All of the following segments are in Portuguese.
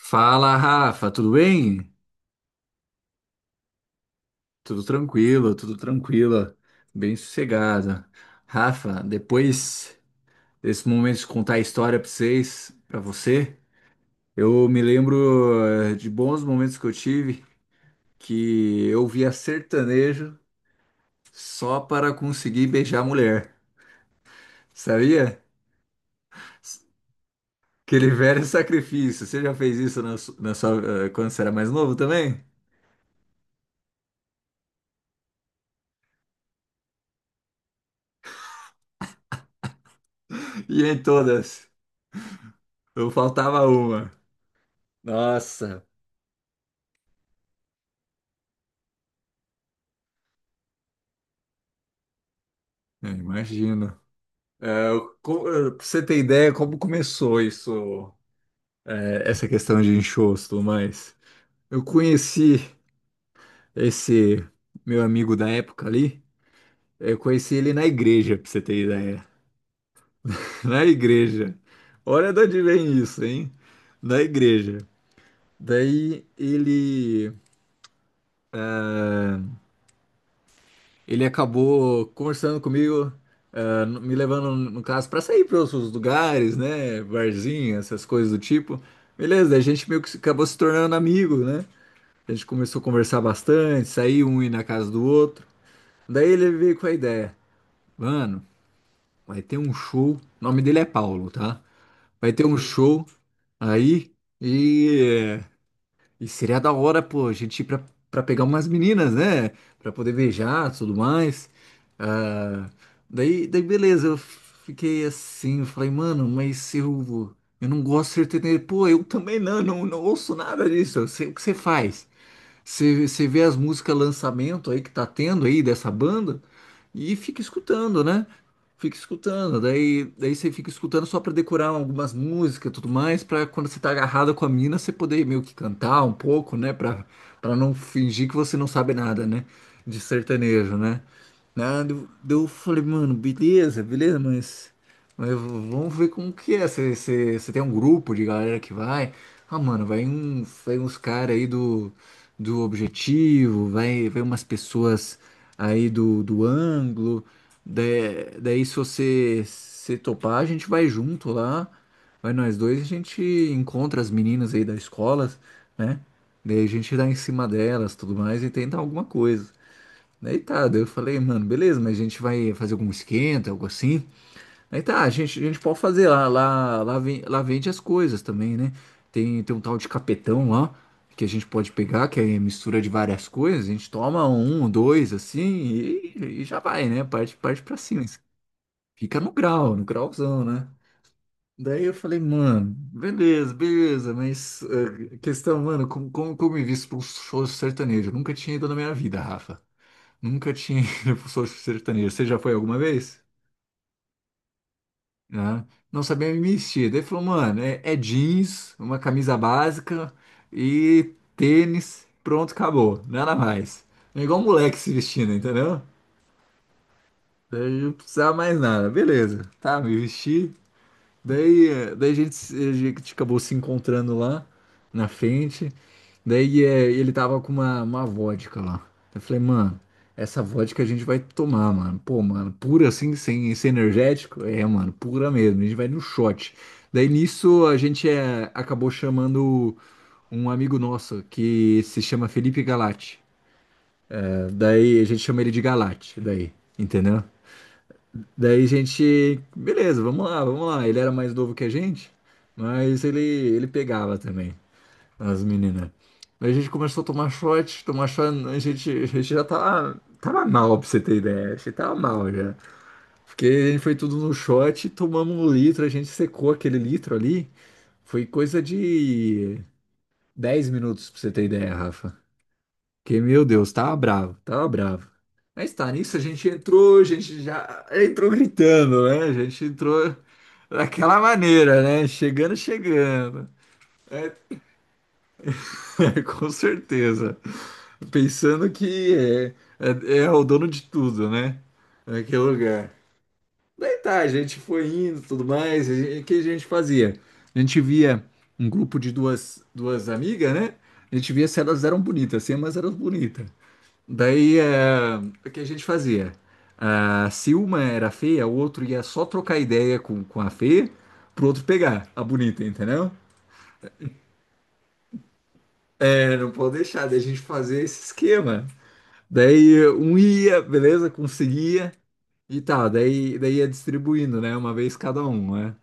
Fala, Rafa, tudo bem? Tudo tranquilo, bem sossegado. Rafa, depois desse momento de contar a história para vocês, para você, eu me lembro de bons momentos que eu tive que eu via sertanejo só para conseguir beijar a mulher, sabia? Aquele velho sacrifício. Você já fez isso na sua, quando você era mais novo também? E em todas, não faltava uma. Nossa. É, imagino. Pra você ter ideia como começou isso, é, essa questão de enxosto, e tudo mais. Eu conheci esse meu amigo da época ali, eu conheci ele na igreja, pra você ter ideia. Na igreja. Olha de onde vem isso, hein? Na igreja. Daí ele. Ele acabou conversando comigo, ah, me levando, no caso, para sair para outros lugares, né? Barzinho, essas coisas do tipo. Beleza, daí a gente meio que acabou se tornando amigo, né? A gente começou a conversar bastante, sair um ir na casa do outro. Daí ele veio com a ideia, mano, vai ter um show. O nome dele é Paulo, tá? Vai ter um show aí. E eh, seria da hora, pô, a gente ir pra pegar umas meninas, né? Pra poder beijar, tudo mais. Ah, daí, beleza, eu fiquei assim, eu falei, mano, eu não gosto de ser sertanejo. Pô, eu também não, não ouço nada disso, eu sei o que você faz. Você vê as músicas lançamento aí que tá tendo aí dessa banda e fica escutando, né? Fica escutando, daí você fica escutando só pra decorar algumas músicas e tudo mais, pra quando você tá agarrada com a mina, você poder meio que cantar um pouco, né? Pra não fingir que você não sabe nada, né? De sertanejo, né? Né, daí eu falei, mano, beleza, mas vamos ver como que é. Você tem um grupo de galera que vai. Ah, mano, vai, um, vai uns caras aí do objetivo, vai, vai umas pessoas aí do ângulo. da- Daí, se você se topar, a gente vai junto lá, vai nós dois, e a gente encontra as meninas aí da escola, né? Daí a gente dá em cima delas, tudo mais, e tenta alguma coisa. Daí tá, daí eu falei, mano, beleza, mas a gente vai fazer algum esquenta, algo assim. Aí tá, a gente pode fazer lá, vem, lá vende as coisas também, né? Tem um tal de capetão lá, que a gente pode pegar, que é mistura de várias coisas, a gente toma um, dois, assim, e já vai, né? Parte pra cima. Fica no grau, no grauzão, né? Daí eu falei, mano, beleza, mas questão, mano, como eu me visto para um show sertanejo? Eu nunca tinha ido na minha vida, Rafa. Nunca tinha ido para um show sertanejo. Você já foi alguma vez? Né? Não sabia me vestir. Daí ele falou, mano, é jeans, uma camisa básica e tênis, pronto, acabou, nada mais. É igual um moleque se vestindo, entendeu? Daí eu não precisava mais nada. Beleza, tá, me vesti. Daí, daí a gente, a gente acabou se encontrando lá na frente. Daí ele tava com uma vodka lá. Eu falei, mano, essa vodka a gente vai tomar, mano. Pô, mano, pura assim, sem energético? É, mano, pura mesmo. A gente vai no shot. Daí nisso a gente acabou chamando um amigo nosso que se chama Felipe Galati. Daí a gente chama ele de Galate, daí, entendeu? Daí a gente, beleza, vamos lá. Ele era mais novo que a gente, mas ele pegava também as meninas. Daí a gente começou a tomar shot, a gente já tava, tava mal, pra você ter ideia. A gente tava mal já. Porque a gente foi tudo no shot, tomamos um litro, a gente secou aquele litro ali. Foi coisa de 10 minutos, pra você ter ideia, Rafa. Que, meu Deus, tava bravo, tava bravo. Mas tá, nisso a gente entrou, a gente já entrou gritando, né? A gente entrou daquela maneira, né? Chegando, chegando. É, com certeza. Pensando que é o dono de tudo, né? Naquele lugar. Daí tá, a gente foi indo e tudo mais. O que a gente fazia? A gente via um grupo de duas amigas, né? A gente via se elas eram bonitas, se elas eram bonitas. Daí, é, o que a gente fazia? Ah, se uma era feia, o outro ia só trocar ideia com a feia, pro outro pegar a bonita, entendeu? É, não pode deixar da gente fazer esse esquema. Daí um ia, beleza, conseguia e tal. Daí ia distribuindo, né? Uma vez cada um, né?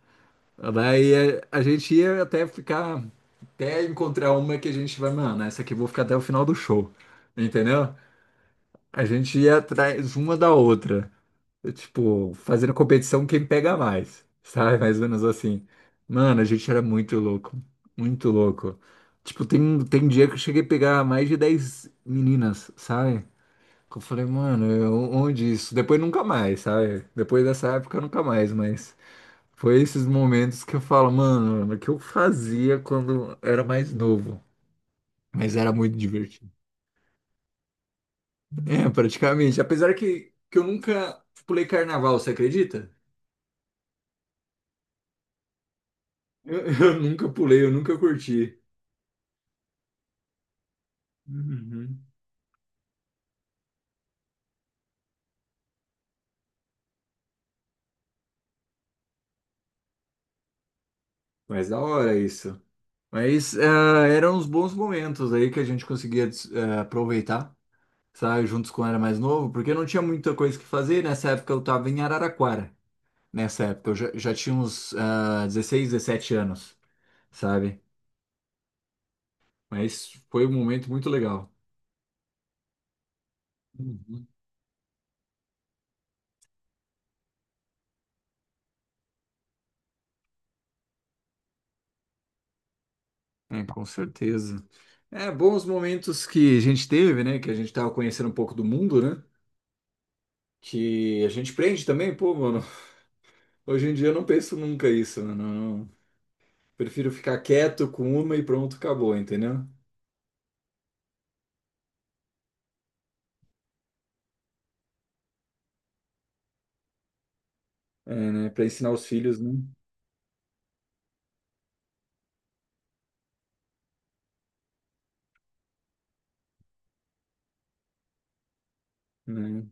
Daí a gente ia até ficar, até encontrar uma que a gente vai, mano, essa aqui eu vou ficar até o final do show, entendeu? A gente ia atrás uma da outra. Tipo, fazendo competição quem pega mais, sabe? Mais ou menos assim. Mano, a gente era muito louco, muito louco. Tipo, tem dia que eu cheguei a pegar mais de 10 meninas, sabe? Que eu falei, mano, onde isso? Depois nunca mais, sabe? Depois dessa época nunca mais, mas foi esses momentos que eu falo, mano, o que eu fazia quando era mais novo. Mas era muito divertido. É, praticamente. Apesar que eu nunca pulei carnaval, você acredita? Eu, eu nunca pulei, eu nunca curti. Uhum. Mas da hora isso. Mas ah, eram uns bons momentos aí que a gente conseguia aproveitar, sabe, juntos quando era mais novo, porque não tinha muita coisa que fazer. Nessa época eu tava em Araraquara. Nessa época eu já, já tinha uns ah, 16, 17 anos, sabe? Mas foi um momento muito legal. Uhum. É, com certeza. É, bons momentos que a gente teve, né? Que a gente tava conhecendo um pouco do mundo, né? Que a gente prende também, pô, mano. Hoje em dia eu não penso nunca isso, né? Não, não. Prefiro ficar quieto com uma e pronto, acabou, entendeu? É, né? Para ensinar os filhos, né? Né?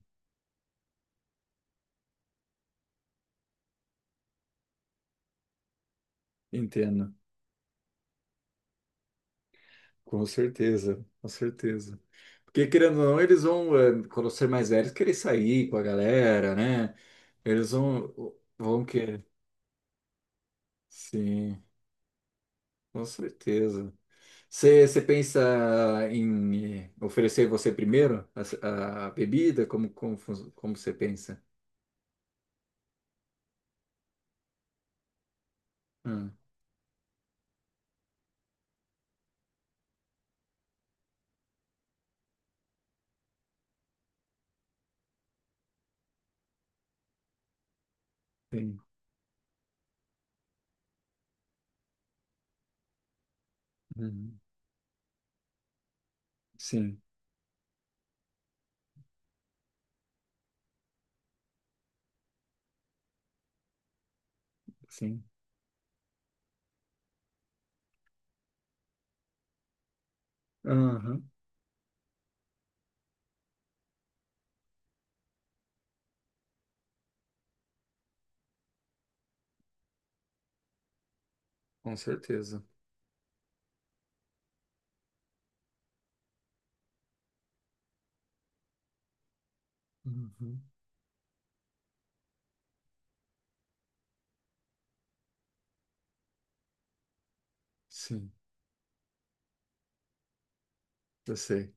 Entendo. Com certeza, com certeza. Porque querendo ou não, eles vão, quando ser mais velhos, querer sair com a galera, né? Eles vão, vão querer. Sim, com certeza. Você pensa em oferecer você primeiro a bebida? Como você pensa? Ah, sim. Uhum. Sim. Sim. Aham. Com certeza. Uhum. Sim, eu sei.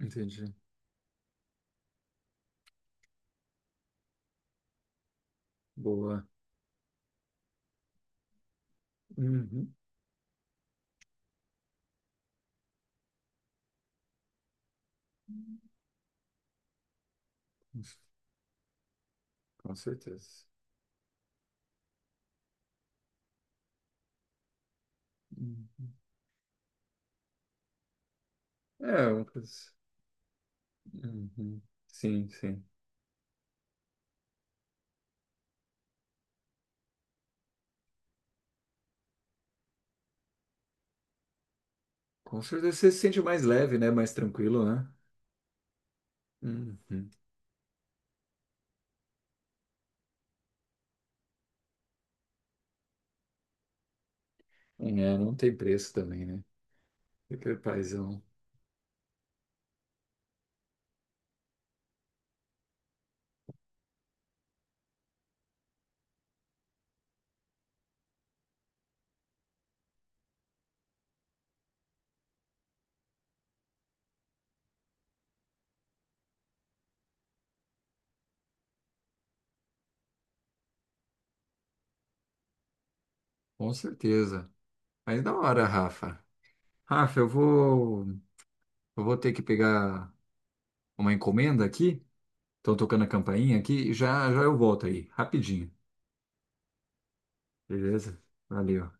Entendi. Boa. Uhum. Com certeza. Hum. É, uma coisa. Uhum. Sim, sim. Com certeza você se sente mais leve, né? Mais tranquilo, né? Uhum. É, não tem preço também, né? Fica paizão. Com certeza. Mas da hora, Rafa. Rafa, eu vou, eu vou ter que pegar uma encomenda aqui. Estão tocando a campainha aqui. Já, já eu volto aí, rapidinho. Beleza? Valeu.